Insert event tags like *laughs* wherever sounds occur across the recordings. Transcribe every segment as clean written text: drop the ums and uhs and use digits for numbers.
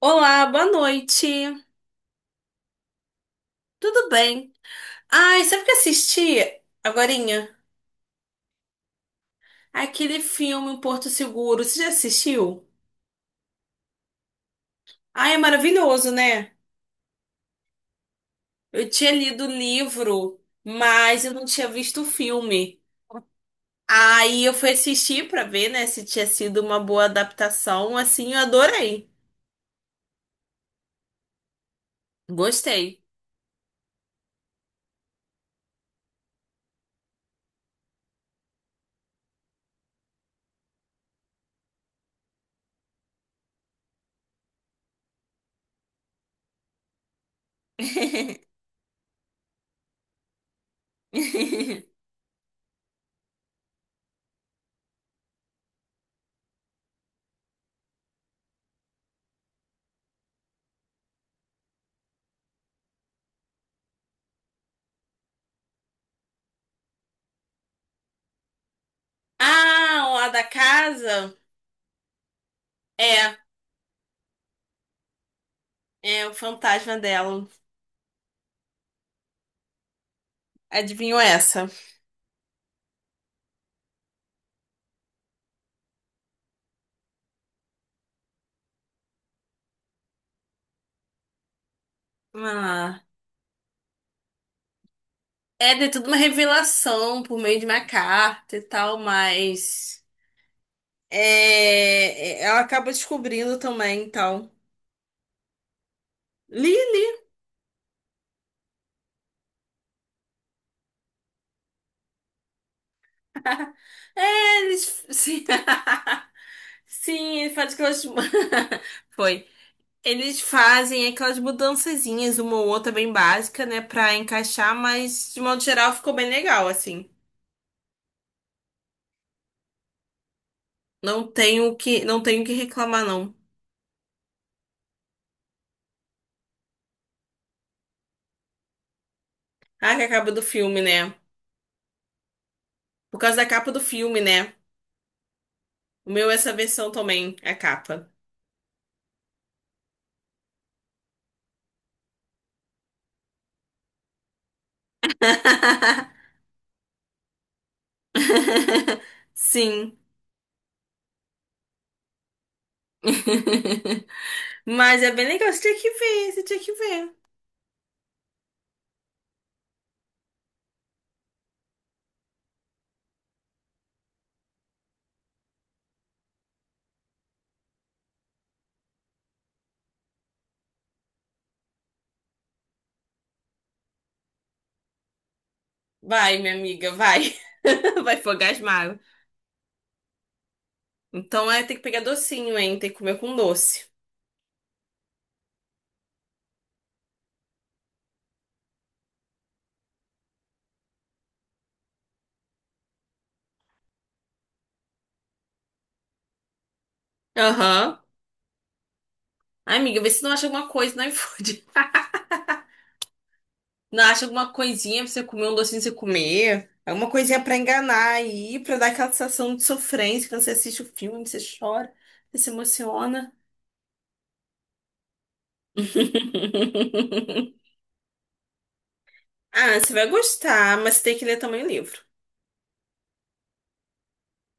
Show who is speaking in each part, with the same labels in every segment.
Speaker 1: Olá, boa noite. Tudo bem? Ai, sabe o que eu assisti agorinha? Aquele filme O Porto Seguro. Você já assistiu? Ai, é maravilhoso, né? Eu tinha lido o livro, mas eu não tinha visto o filme. Aí eu fui assistir pra ver, né, se tinha sido uma boa adaptação. Assim, eu adorei. Gostei. Ah, o lá da casa? É, é o fantasma dela. Adivinhou essa? Ah. É, de tudo uma revelação por meio de uma carta e tal, mas ela acaba descobrindo também, tal. Lily, é, eles sim, *laughs* sim, ele faz aquelas *laughs* foi. Eles fazem aquelas mudançazinhas, uma ou outra bem básica, né, pra encaixar, mas de modo geral ficou bem legal, assim. Não tenho o que reclamar não. Ah, que é a capa do filme, né? Por causa da capa do filme, né? O meu é essa versão também, a capa. *laughs* Sim. *laughs* Mas é bem legal, você tinha que ver. Vai, minha amiga, vai. *laughs* Vai fogasmar. Então é ter que pegar docinho, hein? Tem que comer com doce. Aham. Ai, amiga, vê se não acha alguma coisa no iFood. *laughs* Não acha alguma coisinha pra você comer, um docinho pra você comer. Alguma coisinha pra enganar aí, pra dar aquela sensação de sofrência quando você assiste o filme, você chora, você se emociona. *laughs* Ah, você vai gostar, mas você tem que ler também o livro.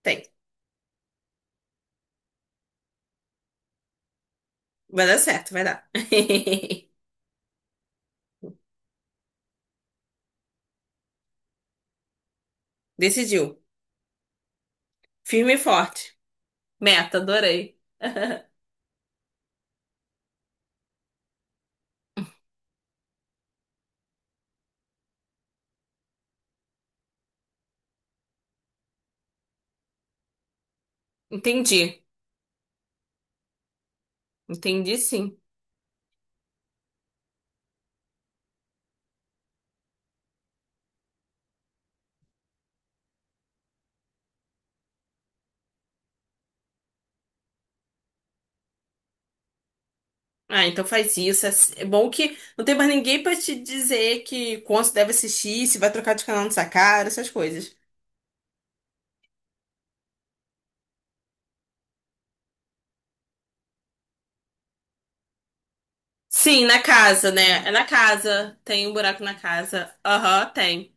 Speaker 1: Tem. Vai dar certo, vai dar. *laughs* Decidiu. Firme e forte. Meta, adorei. *laughs* Entendi. Entendi, sim. Ah, então faz isso. É bom que não tem mais ninguém pra te dizer que quanto deve assistir, se vai trocar de canal nessa cara, essas coisas. Sim, na casa, né? É na casa. Tem um buraco na casa. Aham, tem.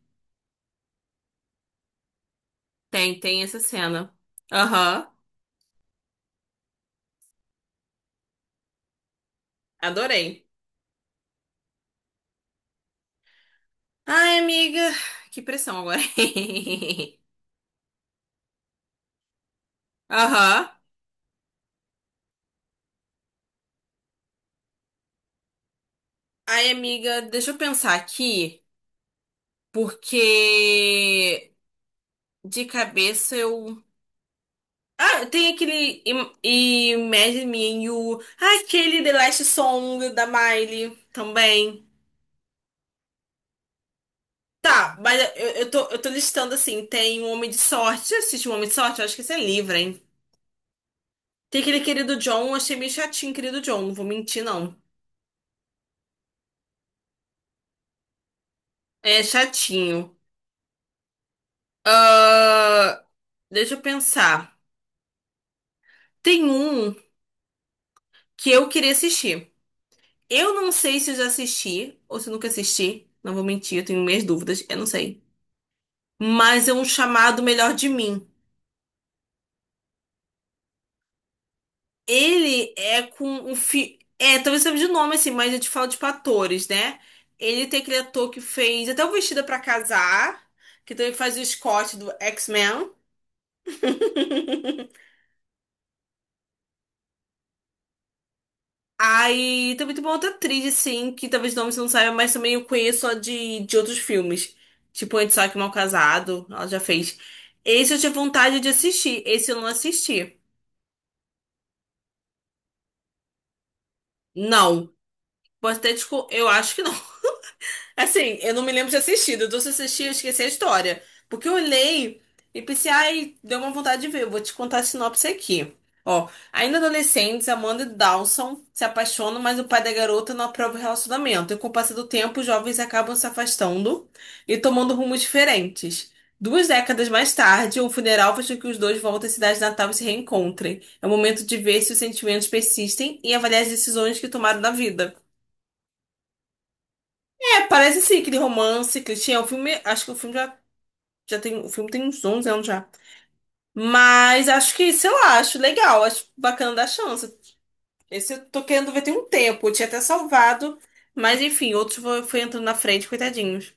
Speaker 1: Tem, tem essa cena. Aham, adorei. Ai, amiga, que pressão agora. *laughs* Aham. Ai, amiga, deixa eu pensar aqui, porque de cabeça eu. Ah, tem aquele Imagine Me and You. Ah, aquele The Last Song da Miley também. Tá, mas eu tô listando assim: tem um Homem de Sorte. Você assistiu um Homem de Sorte? Eu acho que esse é livro, hein? Tem aquele Querido John, eu achei meio chatinho, Querido John, não vou mentir, não. É chatinho. Deixa eu pensar. Tem um que eu queria assistir. Eu não sei se eu já assisti ou se eu nunca assisti. Não vou mentir, eu tenho minhas dúvidas. Eu não sei. Mas é um chamado Melhor de Mim. Ele é com um fi... É, talvez seja de nome assim, mas eu te falo, tipo, atores, né? Ele tem aquele ator que fez até o Vestida pra Casar, que também faz o Scott do X-Men. *laughs* Aí também tem uma outra atriz, assim, que talvez o você não saiba, mas também eu conheço só de outros filmes. Tipo, Antissaque Mal Casado, ela já fez. Esse eu tinha vontade de assistir, esse eu não assisti. Não. Posso até, eu acho que não. Assim, eu não me lembro de assistido. Então, se eu assisti, eu esqueci a história. Porque eu olhei e pensei, ai, deu uma vontade de ver. Eu vou te contar a sinopse aqui. Ó, ainda adolescentes, Amanda e Dawson se apaixonam, mas o pai da garota não aprova o relacionamento. E com o passar do tempo, os jovens acabam se afastando e tomando rumos diferentes. Duas décadas mais tarde, um funeral faz com que os dois voltem à cidade natal e se reencontrem. É o momento de ver se os sentimentos persistem e avaliar as decisões que tomaram na vida. É, parece sim, aquele romance, que tinha O filme, acho que o filme tem uns 11 anos já. Mas acho que, sei lá, acho legal, acho bacana dar chance. Esse eu tô querendo ver tem um tempo, eu tinha até salvado, mas enfim, outros foi entrando na frente, coitadinhos.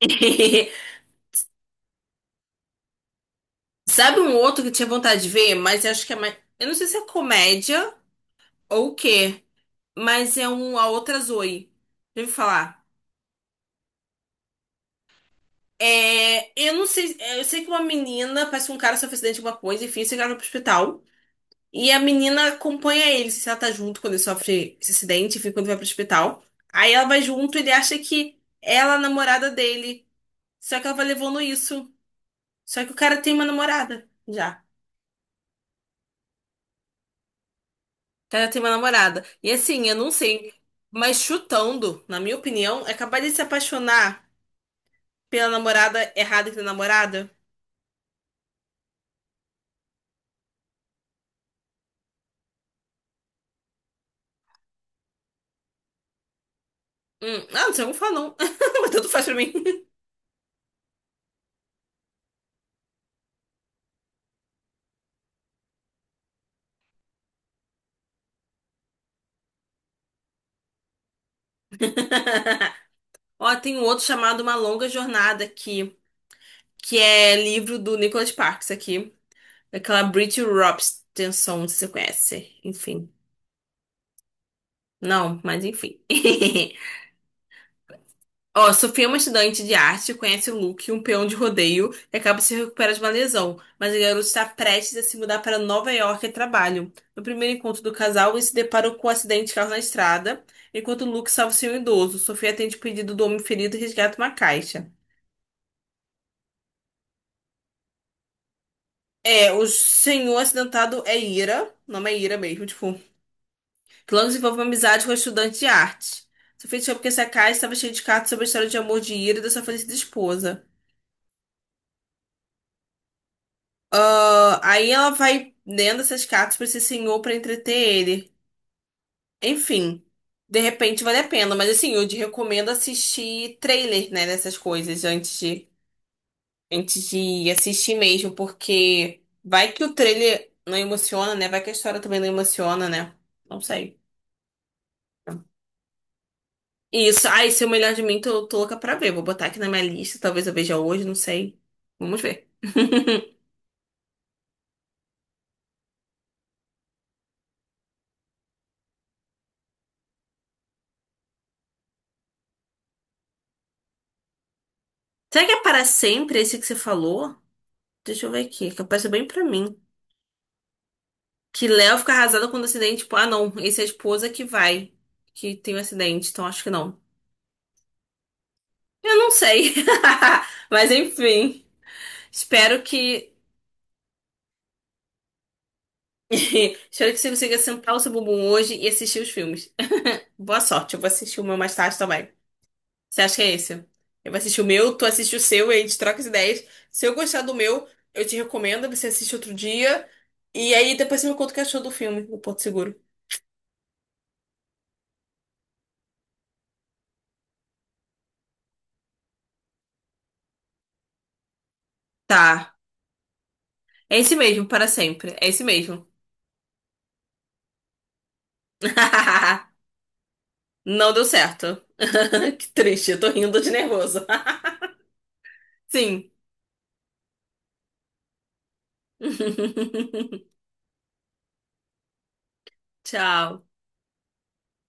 Speaker 1: *laughs* Sabe um outro que eu tinha vontade de ver, mas acho que é mais. Eu não sei se é comédia ou o quê, mas é um A Outra Zoe. Já ouviu falar? Eu não sei, é, eu sei que uma menina, parece que um cara sofreu acidente de alguma coisa, enfim, esse cara foi pro hospital. E a menina acompanha ele, se ela tá junto quando ele sofre esse acidente, enfim, quando vai pro hospital. Aí ela vai junto, ele acha que ela é a namorada dele. Só que ela vai levando isso. Só que o cara tem uma namorada já. O cara tem uma namorada. E assim, eu não sei, mas chutando, na minha opinião, é capaz de se apaixonar pela namorada errada que tem namorada. Ah, não sei como falar, não. *laughs* Mas tanto faz pra mim. *laughs* Ó, tem um outro chamado Uma Longa Jornada aqui, que é livro do Nicholas Sparks aqui. Daquela Brit Rops, Tenson, se você conhece. Enfim. Não, mas enfim. *laughs* Ó, Sofia é uma estudante de arte, conhece o Luke, um peão de rodeio, e acaba se recuperando de uma lesão. Mas o garoto está prestes a se mudar para Nova York a trabalho. No primeiro encontro do casal, eles se deparam com um acidente de carro na estrada, enquanto Luke salva o senhor idoso. Sofia atende o pedido do homem ferido e resgata uma caixa. É, o senhor acidentado é Ira. O nome é Ira mesmo, tipo, Clã desenvolve uma amizade com a estudante de arte. Sofia descobre que essa casa estava cheia de cartas sobre a história de amor de Ira e da sua falecida esposa. Ah, aí ela vai lendo essas cartas para esse senhor para entreter ele. Enfim, de repente vale a pena, mas assim, eu te recomendo assistir trailer, né, dessas coisas antes de assistir mesmo, porque vai que o trailer não emociona, né? Vai que a história também não emociona, né? Não sei. Isso. Ai, se eu melhor de mim, tô louca pra ver. Vou botar aqui na minha lista. Talvez eu veja hoje, não sei. Vamos ver. Será que é para sempre esse que você falou? Deixa eu ver aqui, que apareceu bem pra mim. Que Léo fica arrasado quando o acidente. Tipo, ah, não. Esse é a esposa que vai. Que tem um acidente. Então acho que não. Eu não sei. *laughs* Mas enfim. Espero que. *laughs* Espero que você consiga sentar o seu bumbum hoje e assistir os filmes. *laughs* Boa sorte. Eu vou assistir o meu mais tarde também. Você acha que é esse? Eu vou assistir o meu, tu assiste o seu e a gente troca as ideias. Se eu gostar do meu, eu te recomendo, você assiste outro dia. E aí depois você me conta o que achou do filme, do Porto Seguro. Tá. É esse mesmo, para sempre. É esse mesmo. *laughs* Não deu certo. *laughs* Que triste, eu tô rindo de nervoso. *laughs* Sim. *laughs* Tchau.